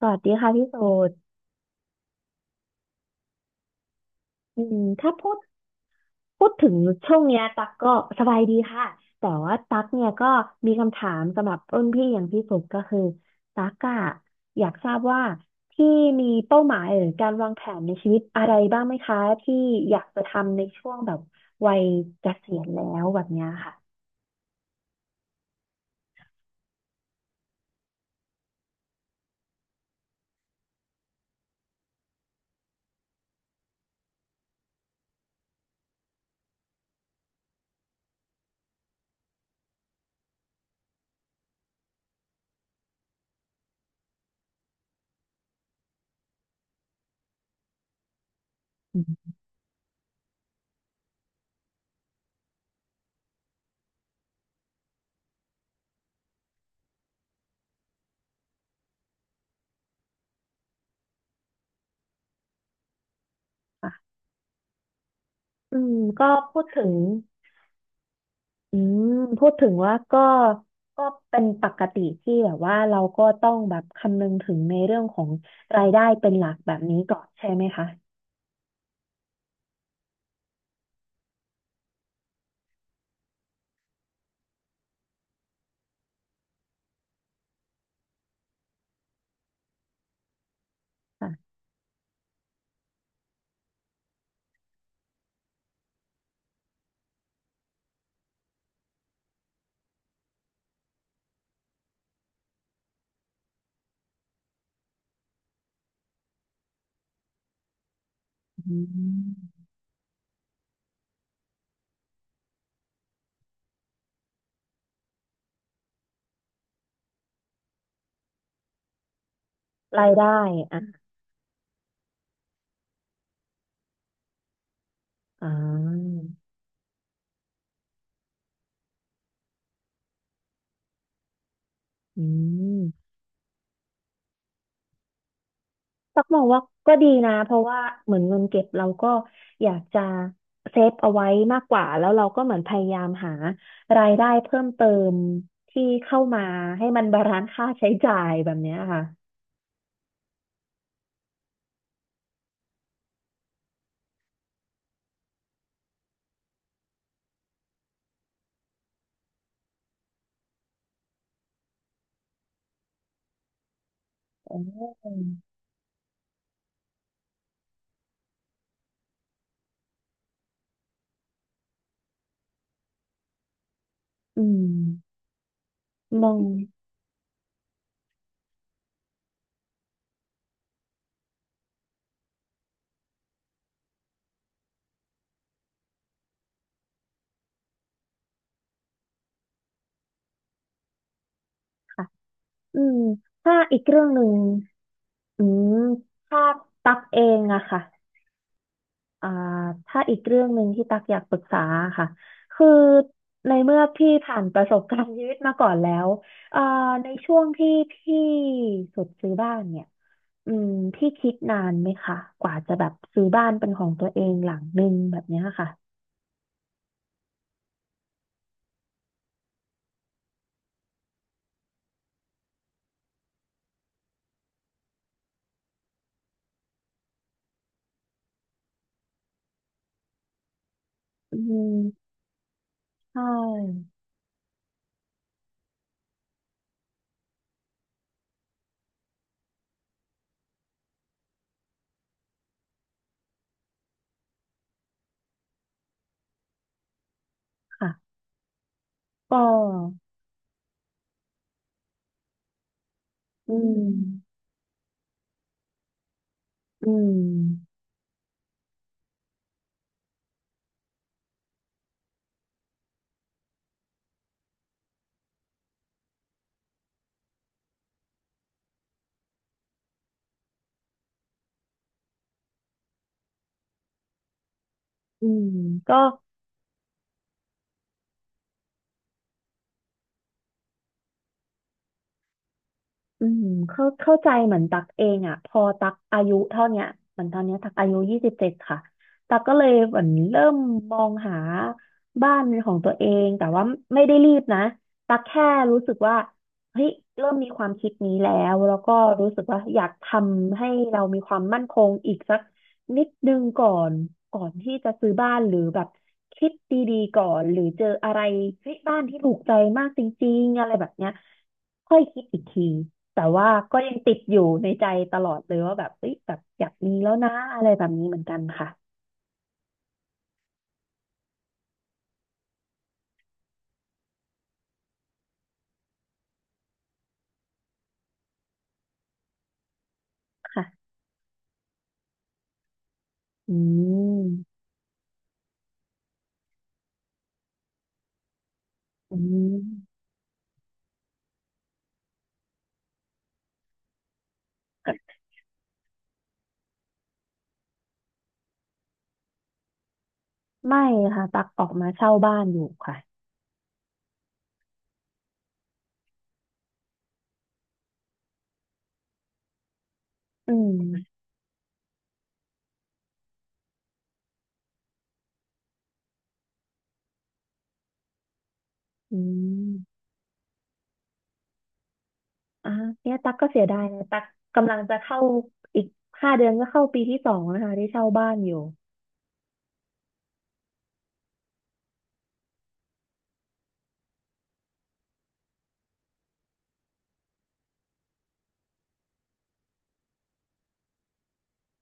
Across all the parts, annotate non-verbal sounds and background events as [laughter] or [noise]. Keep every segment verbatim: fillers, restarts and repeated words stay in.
สวัสดีค่ะพี่โสดอืมถ้าพูดพูดถึงช่วงเนี้ยตักก็สบายดีค่ะ แต่ว่าตักเนี่ยก็มีคำถามสำหรับรุ่นพี่อย่างพี่สุดก็คือตักอะอยากทราบว่าที่มีเป้าหมายหรือการวางแผนในชีวิตอะไรบ้างไหมคะที่อยากจะทำในช่วงแบบวัยเกษียณแล้วแบบเนี้ยค่ะอืมค่ะอืมก็พูดถึง อืมพูดถึงว่าก็ก็เป็นปกติที่แบบว่าเราก็ต้องแบบคำนึงถึงในเรื่องของรายได้เป็นหลักแบบนี้ก่อนใช่ไหมคะค่ะอืมรายได้อ่ะอ่าอืมตักมองว่าก็ดีนะเพราะว่าเหมือนเงินเก็บเราก็อยากจะเซฟเอาไว้มากกว่าแล้วเราก็เหมือนพยายามหารายได้เพิ่มเติมที่เข้ามาให้มันบาลานซ์ค่าใช้จ่ายแบบเนี้ยค่ะโอ้อืม องค่ะอืมถ้าอีกเรื่องหนึ่งอืมถ้าตักเองอะค่ะอ่าถ้าอีกเรื่องหนึ่งที่ตักอยากปรึกษาค่ะ คือในเมื่อพี่ผ่านประสบการณ์ชีวิตมาก่อนแล้วเอ่าในช่วงที่พี่สุดซื้อบ้านเนี่ยอืมพี่คิดนานไหมคะกว่าจะแบบซื้อบ้านเป็นของตัวเองหลังหนึ่งแบบเนี้ยค่ะอืมใช่ค่ะก็อืมอืมอืมก็ อืมเข้าเข้าใจเหมือนตักเองอ่ะพอตักอายุเท่าเนี้ยเหมือนตอนเนี้ยตักอายุยี่สิบเจ็ดค่ะตักก็เลยเหมือนเริ่มมองหาบ้านเป็นของตัวเองแต่ว่าไม่ได้รีบนะตักแค่รู้สึกว่าเฮ้ยเริ่มมีความคิดนี้แล้วแล้วก็รู้สึกว่าอยากทำให้เรามีความมั่นคงอีกสักนิดนึงก่อนก่อนที่จะซื้อบ้านหรือแบบคิดดีๆก่อนหรือเจออะไรเฮ้ยบ้านที่ถูกใจมากจริงๆอะไรแบบเนี้ยค่อยคิดอีกที แต่ว่าก็ยังติดอยู่ในใจตลอดเลยว่าแบบเอ้ยแบบอยากมีแล้วนะอะไรแบบนี้เหมือนกันค่ะค่ะอืมอืมไม่ค่ะตักออกมาเช่าบ้านอยู่ค่ะอืมอืมอ่ะเนี่ยตักก็เสียดายนะตักกำลังจะเข้าอีกห้าเดือนก็เข้าปีที่สองนะคะที่เช่าบ้านอยู่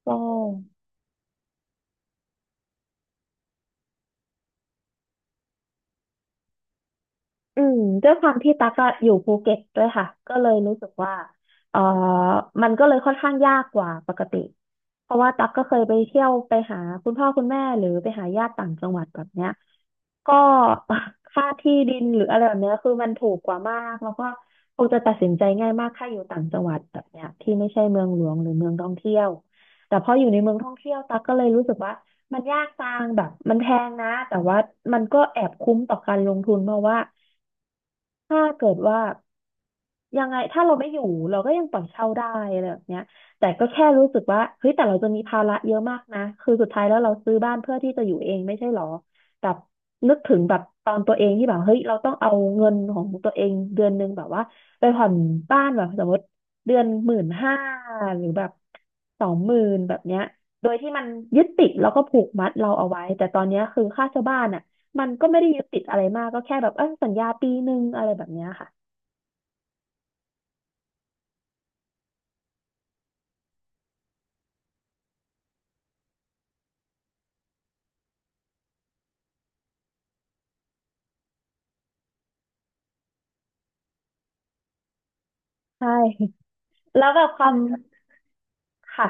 ก็ อืมด้วยความที่ตั๊กอะอยู่ภูเก็ตด้วยค่ะก็เลยรู้สึกว่าเออมันก็เลยค่อนข้างยากกว่าปกติเพราะว่าตั๊กก็เคยไปเที่ยวไปหาคุณพ่อคุณแม่หรือไปหาญาติต่างจังหวัดแบบเนี้ยก็ [laughs] ค่าที่ดินหรืออะไรแบบเนี้ยคือมันถูกกว่ามากแล้วก็คงจะตัดสินใจง่ายมากถ้าอยู่ต่างจังหวัดแบบเนี้ยที่ไม่ใช่เมืองหลวงหรือเมืองท่องเที่ยวแต่พออยู่ในเมืองท่องเที่ยวตั๊กก็เลยรู้สึกว่ามันยากจังแบบมันแพงนะแต่ว่ามันก็แอบคุ้มต่อการลงทุนเพราะว่า ถ้าเกิดว่ายังไงถ้าเราไม่อยู่เราก็ยังปล่อยเช่าได้อะไรแบบเนี้ยแต่ก็แค่รู้สึกว่าเฮ้ยแต่เราจะมีภาระเยอะมากนะคือสุดท้ายแล้วเราซื้อบ้านเพื่อที่จะอยู่เองไม่ใช่หรอแบบนึกถึงแบบตอนตัวเองที่แบบเฮ้ยเราต้องเอาเงินของตัวเองเดือนหนึ่งแบบว่าไปผ่อนบ้านแบบสมมติเดือนหมื่นห้าหรือแบบสองหมื่นแบบเนี้ยโดยที่มันยึดติดแล้วก็ผูกมัดเราเอาไว้แต่ตอนเนี้ยคือค่าเช่าบ้านอ่ะ มันก็ไม่ได้ยึดติดอะไรมากก็แค่แบบเออสัญญาปีหนึ่งอะไรแบบเนี้ยค่ะใช่ [laughs] แล้วแบบความมค่ะ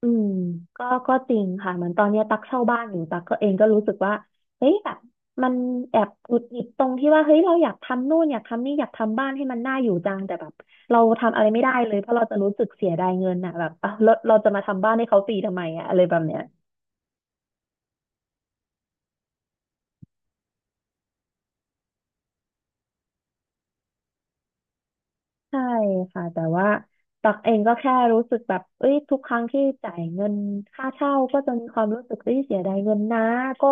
อืมก็ก็จริงค่ะเหมือนตอนเนี้ยตักเช่าบ้านอยู่ตักก็เองก็รู้สึกว่าเฮ้ยแบบมันแอบหงุดหงิดตรงที่ว่าเฮ้ยเราอยากทำนู่นอยากทำนี่อยากทำบ้านให้มันน่าอยู่จังแต่แบบเราทำอะไรไม่ได้เลยเพราะเราจะรู้สึกเสียดายเงินอ่ะแบบ [laughs] อ่ะเราเราจะมาทำบ้านให้เขาฟรีทำไมอ่ะอะไรแบบเนี้ย ใช่ค่ะแต่ว่าตักเองก็แค่รู้สึกแบบเอ้ยทุกครั้งที่จ่ายเงินค่าเช่าก็จะมีความรู้สึกเอ้ยเสียดายเงินนะก็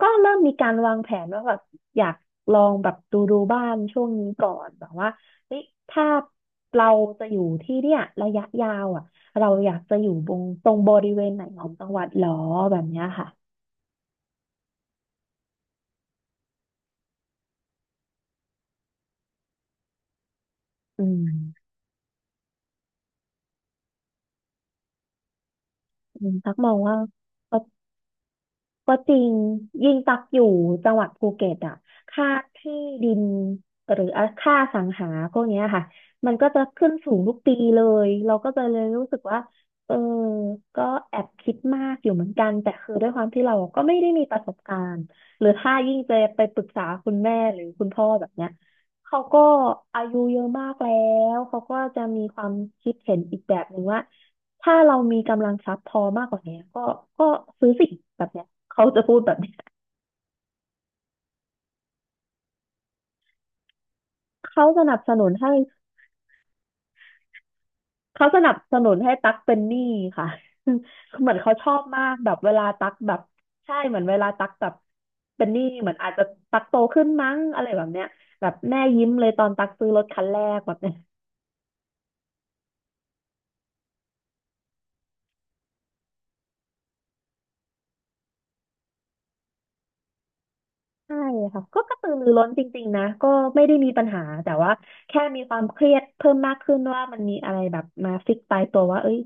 ก็เริ่มมีการวางแผนว่าแบบอยากลองแบบดูดูบ้านช่วงนี้ก่อนแบบว่าเฮ้ยถ้าเราจะอยู่ที่เนี่ยระยะยาวอ่ะเราอยากจะอยู่ตรงตรงบริเวณไหนของจังหวัดหรอแบบเนี้ยค่ะอืมอืมตักมองว่า ก็จริงยิ่งตักอยู่จังหวัดภูเก็ตอ่ะค่าที่ดินหรือค่าอสังหาพวกเนี้ยค่ะมันก็จะขึ้นสูงทุกปีเลยเราก็จะเลยรู้สึกว่าเออก็แอบคิดมากอยู่เหมือนกันแต่คือด้วยความที่เราก็ไม่ได้มีประสบการณ์หรือถ้ายิ่งจะไปปรึกษาคุณแม่หรือคุณพ่อแบบเนี้ยเขาก็อายุเยอะมากแล้วเขาก็จะมีความคิดเห็นอีกแบบหนึ่งว่า ถ้าเรามีกำลังทรัพย์พอมากกว่านี้ก็ก็ซื้อสิ่งแบบเนี้ยเขาจะพูดแบบเนี้ยเขาสนับสนุนให้เขาสนับสนุนให้ตักเป็นหนี้ค่ะ [laughs] เหมือนเขาชอบมากแบบเวลาตักแบบใช่เหมือนเวลาตักแบบเป็นหนี้เหมือนอาจจะตักโตขึ้นมั้งอะไรแบบเนี้ยแบบแม่ยิ้มเลยตอนตักซื้อรถคันแรกแบบเนี้ย ใช่ค่ะก็กระตือรือร้นจริงๆนะก็ไม่ได้มีปัญหาแต่ว่าแค่มีความเครียดเพิ่มมากขึ้นว่ามันมีอะไรแบบมาฟิกตายตัวว่าเอ้ย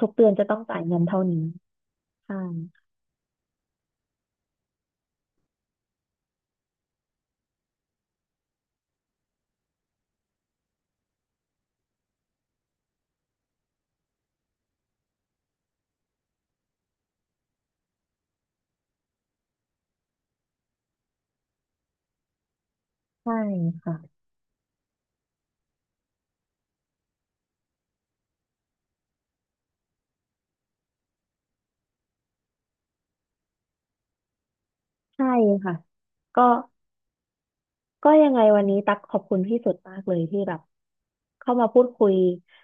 ทุกเดือนจะต้องจ่ายเงินเท่านี้ใช่ใช่ค่ะใช่ค่ะก็ก็ยังไงวันนี้ตักขอบคุณพี่สุดมากเลยที่แบบเข้ามาพูดคุย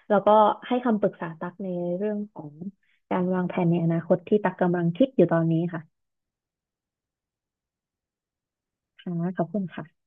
แล้วก็ให้คำปรึกษาตักในเรื่องของการวางแผนในอนาคตที่ตักกำลังคิดอยู่ตอนนี้ค่ะค่ะขอบคุณค่ะ